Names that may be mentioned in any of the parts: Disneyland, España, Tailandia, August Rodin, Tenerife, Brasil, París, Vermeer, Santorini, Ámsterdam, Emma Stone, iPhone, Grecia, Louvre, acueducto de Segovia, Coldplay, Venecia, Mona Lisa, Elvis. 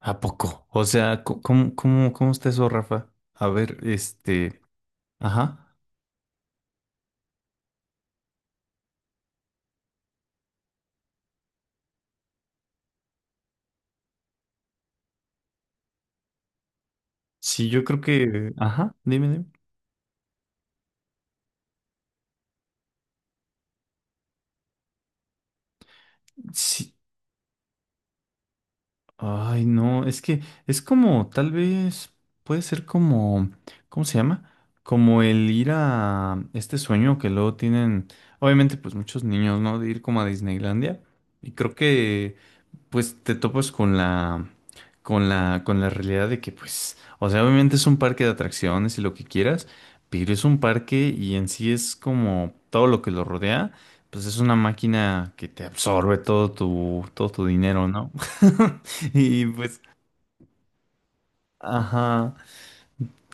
¿A poco? O sea, ¿cómo está eso, Rafa? A ver, ajá. Sí, yo creo que, ajá, dime. Sí. Ay, no, es que es como, tal vez, puede ser como, ¿cómo se llama? Como el ir a este sueño que luego tienen, obviamente, pues muchos niños, ¿no? De ir como a Disneylandia. Y creo que pues te topas con con la realidad de que, pues, o sea, obviamente es un parque de atracciones y lo que quieras, pero es un parque y en sí es como todo lo que lo rodea, pues es una máquina que te absorbe todo tu dinero, ¿no? Y pues, ajá.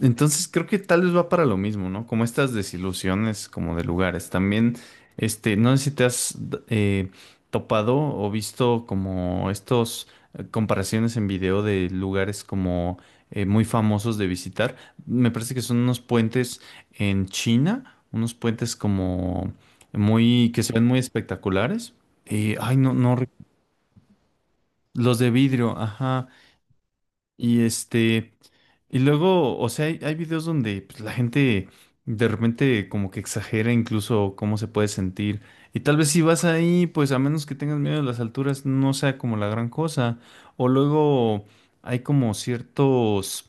Entonces creo que tal vez va para lo mismo, ¿no? Como estas desilusiones como de lugares. También, este, no sé si topado o visto como estos comparaciones en video de lugares como muy famosos de visitar. Me parece que son unos puentes en China, unos puentes como muy, que se ven muy espectaculares. Ay, no, no, re- los de vidrio, ajá. Y este... Y luego, o sea, hay videos donde pues, la gente de repente como que exagera incluso cómo se puede sentir. Y tal vez si vas ahí, pues a menos que tengas miedo de las alturas, no sea como la gran cosa. O luego hay como ciertos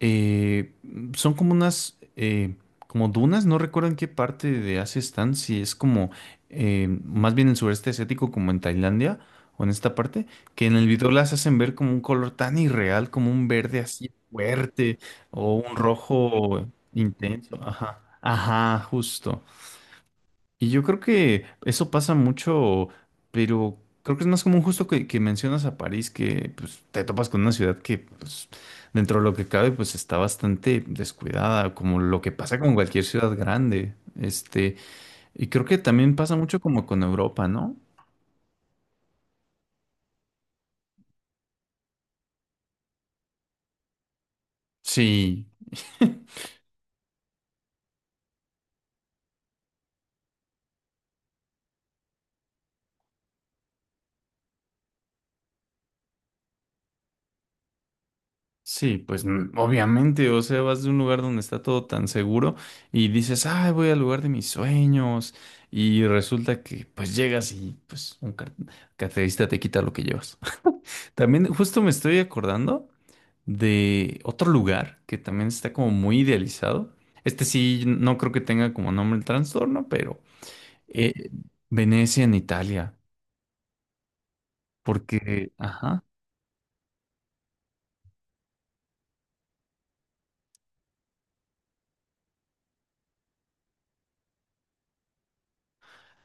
eh, son como unas, como dunas, no recuerdo en qué parte de Asia están, si es como, más bien en sureste asiático, como en Tailandia o en esta parte, que en el video las hacen ver como un color tan irreal, como un verde así fuerte o un rojo intenso. Ajá, ajá, justo. Y yo creo que eso pasa mucho, pero creo que es más común justo que mencionas a París, que pues, te topas con una ciudad que pues, dentro de lo que cabe pues está bastante descuidada, como lo que pasa con cualquier ciudad grande. Este, y creo que también pasa mucho como con Europa, ¿no? Sí. Sí, pues obviamente, o sea, vas de un lugar donde está todo tan seguro y dices, ay, voy al lugar de mis sueños y resulta que pues llegas y pues carterista te quita lo que llevas. También justo me estoy acordando de otro lugar que también está como muy idealizado. Este sí, no creo que tenga como nombre el trastorno, pero eh, Venecia en Italia, porque, ajá.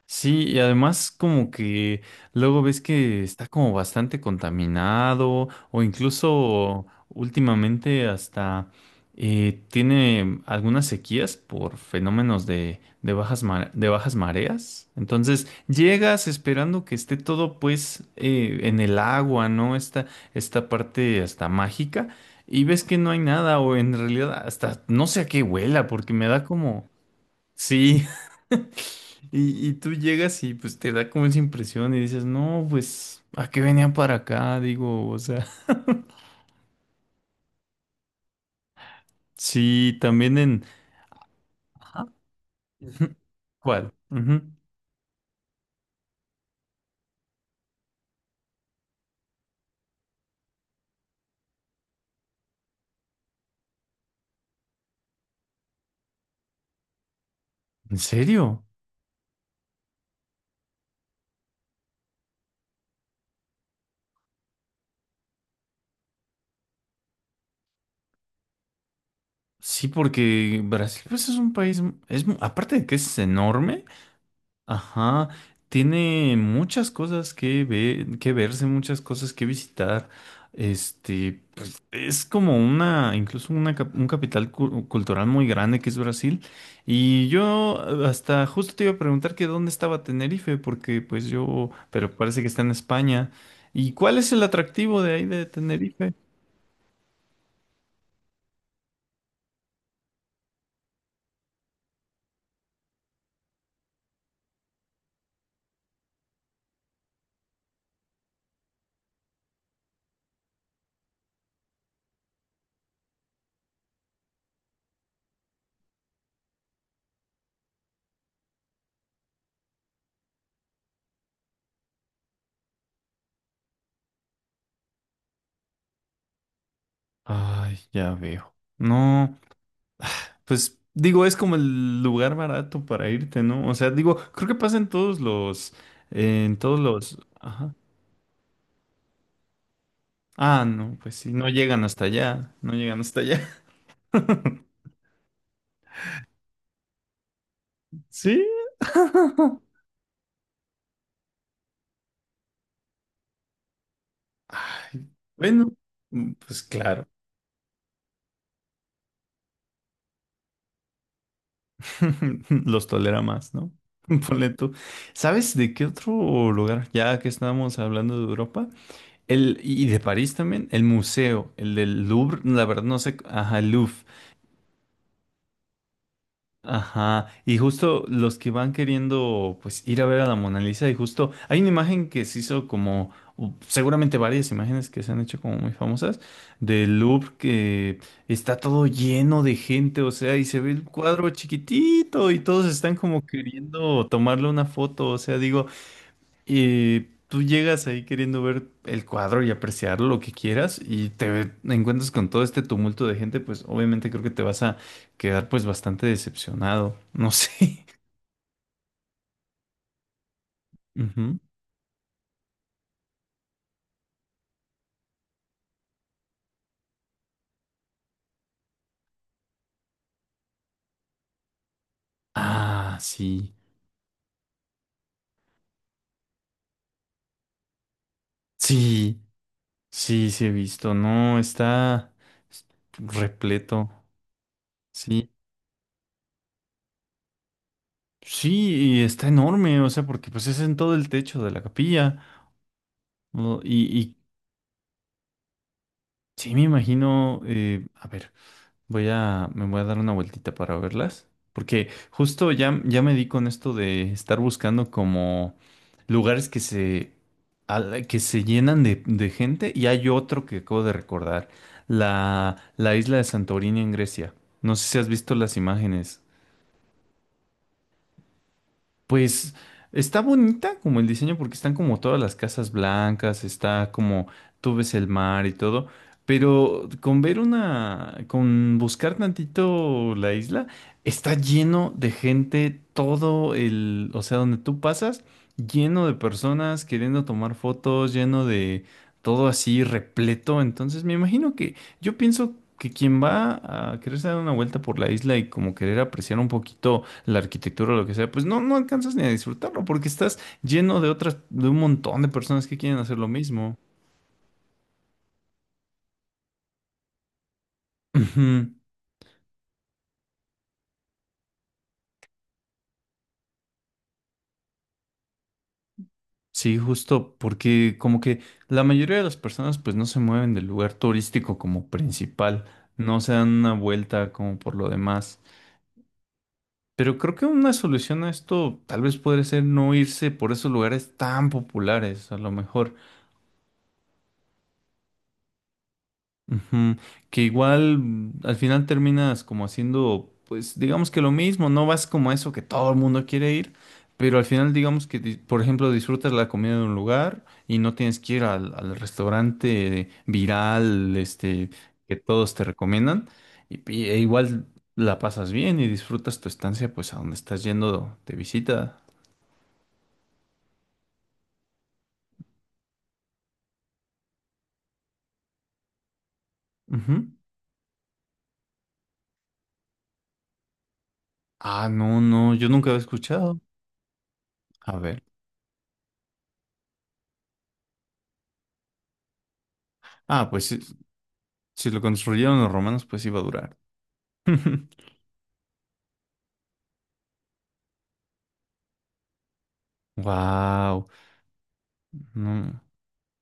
Sí, y además como que luego ves que está como bastante contaminado o incluso últimamente hasta tiene algunas sequías por fenómenos de de bajas mareas. Entonces llegas esperando que esté todo pues en el agua, ¿no? Esta parte hasta mágica y ves que no hay nada o en realidad hasta no sé a qué huela porque me da como... Sí. Y tú llegas y pues te da como esa impresión y dices, no, pues, ¿a qué venía para acá? Digo, o sea, sí, también en... Ajá. Ujú. ¿Cuál? Ujú. ¿En serio? Sí, porque Brasil pues es un país, es, aparte de que es enorme. Ajá, tiene muchas cosas que ver, que verse, muchas cosas que visitar. Este, pues es como una, incluso una, un cultural muy grande que es Brasil. Y yo hasta justo te iba a preguntar que dónde estaba Tenerife, porque pues yo, pero parece que está en España. ¿Y cuál es el atractivo de ahí de Tenerife? Ay, ya veo. No. Pues digo, es como el lugar barato para irte, ¿no? O sea, digo, creo que pasa en todos en todos los, ajá. Ah, no, pues sí, no llegan hasta allá, no llegan hasta allá. Sí. Ay, bueno, pues claro, los tolera más, ¿no? Ponle tú. ¿Sabes de qué otro lugar? Ya que estábamos hablando de Europa, y de París también, el del Louvre, la verdad no sé, ajá, el Louvre. Ajá, y justo los que van queriendo pues ir a ver a la Mona Lisa y justo hay una imagen que se hizo como seguramente varias imágenes que se han hecho como muy famosas del Louvre que está todo lleno de gente, o sea, y se ve el cuadro chiquitito y todos están como queriendo tomarle una foto, o sea, digo, y tú llegas ahí queriendo ver el cuadro y apreciar lo que quieras y te encuentras con todo este tumulto de gente, pues obviamente creo que te vas a quedar pues bastante decepcionado. No sé. Ujú. Ah, sí. Sí, sí, sí he visto. No, está repleto. Sí. Sí, y está enorme, o sea, porque pues es en todo el techo de la capilla. ¿No? Y sí me imagino, a ver. Me voy a dar una vueltita para verlas, porque justo ya me di con esto de estar buscando como lugares que se llenan de gente y hay otro que acabo de recordar, la isla de Santorini en Grecia. No sé si has visto las imágenes. Pues está bonita como el diseño porque están como todas las casas blancas, está como tú ves el mar y todo, pero con ver una, con buscar tantito la isla, está lleno de gente, todo el, o sea, donde tú pasas, lleno de personas queriendo tomar fotos, lleno de todo así repleto, entonces me imagino que yo pienso que quien va a quererse dar una vuelta por la isla y como querer apreciar un poquito la arquitectura o lo que sea, pues no, no alcanzas ni a disfrutarlo porque estás lleno de otras, de un montón de personas que quieren hacer lo mismo. Ujú. Sí, justo porque como que la mayoría de las personas pues no se mueven del lugar turístico como principal, no se dan una vuelta como por lo demás. Pero creo que una solución a esto tal vez podría ser no irse por esos lugares tan populares, a lo mejor. Ujú. Que igual al final terminas como haciendo, pues digamos que lo mismo, no vas como a eso que todo el mundo quiere ir, pero al final digamos que, por ejemplo, disfrutas la comida de un lugar y no tienes que ir al restaurante viral, este, que todos te recomiendan, e igual la pasas bien y disfrutas tu estancia, pues a donde estás yendo de visita. Ujú. Ah, no, no, yo nunca había escuchado. A ver. Ah, pues si, si lo construyeron los romanos, pues iba a durar. Wow, no,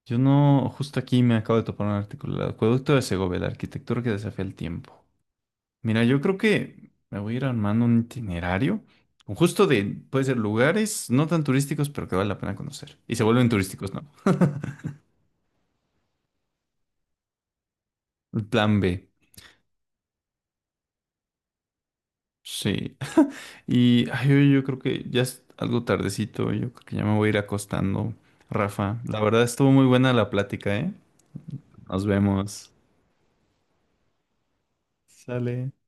yo no, justo aquí me acabo de topar un artículo, el acueducto de Segovia, la arquitectura que desafía el tiempo. Mira, yo creo que me voy a ir armando un itinerario, con justo de, puede ser lugares no tan turísticos, pero que vale la pena conocer. Y se vuelven turísticos, ¿no? El plan B, sí. Y ay, yo creo que ya es algo tardecito, yo creo que ya me voy a ir acostando, Rafa. La verdad estuvo muy buena la plática, ¿eh? Nos vemos. Sale.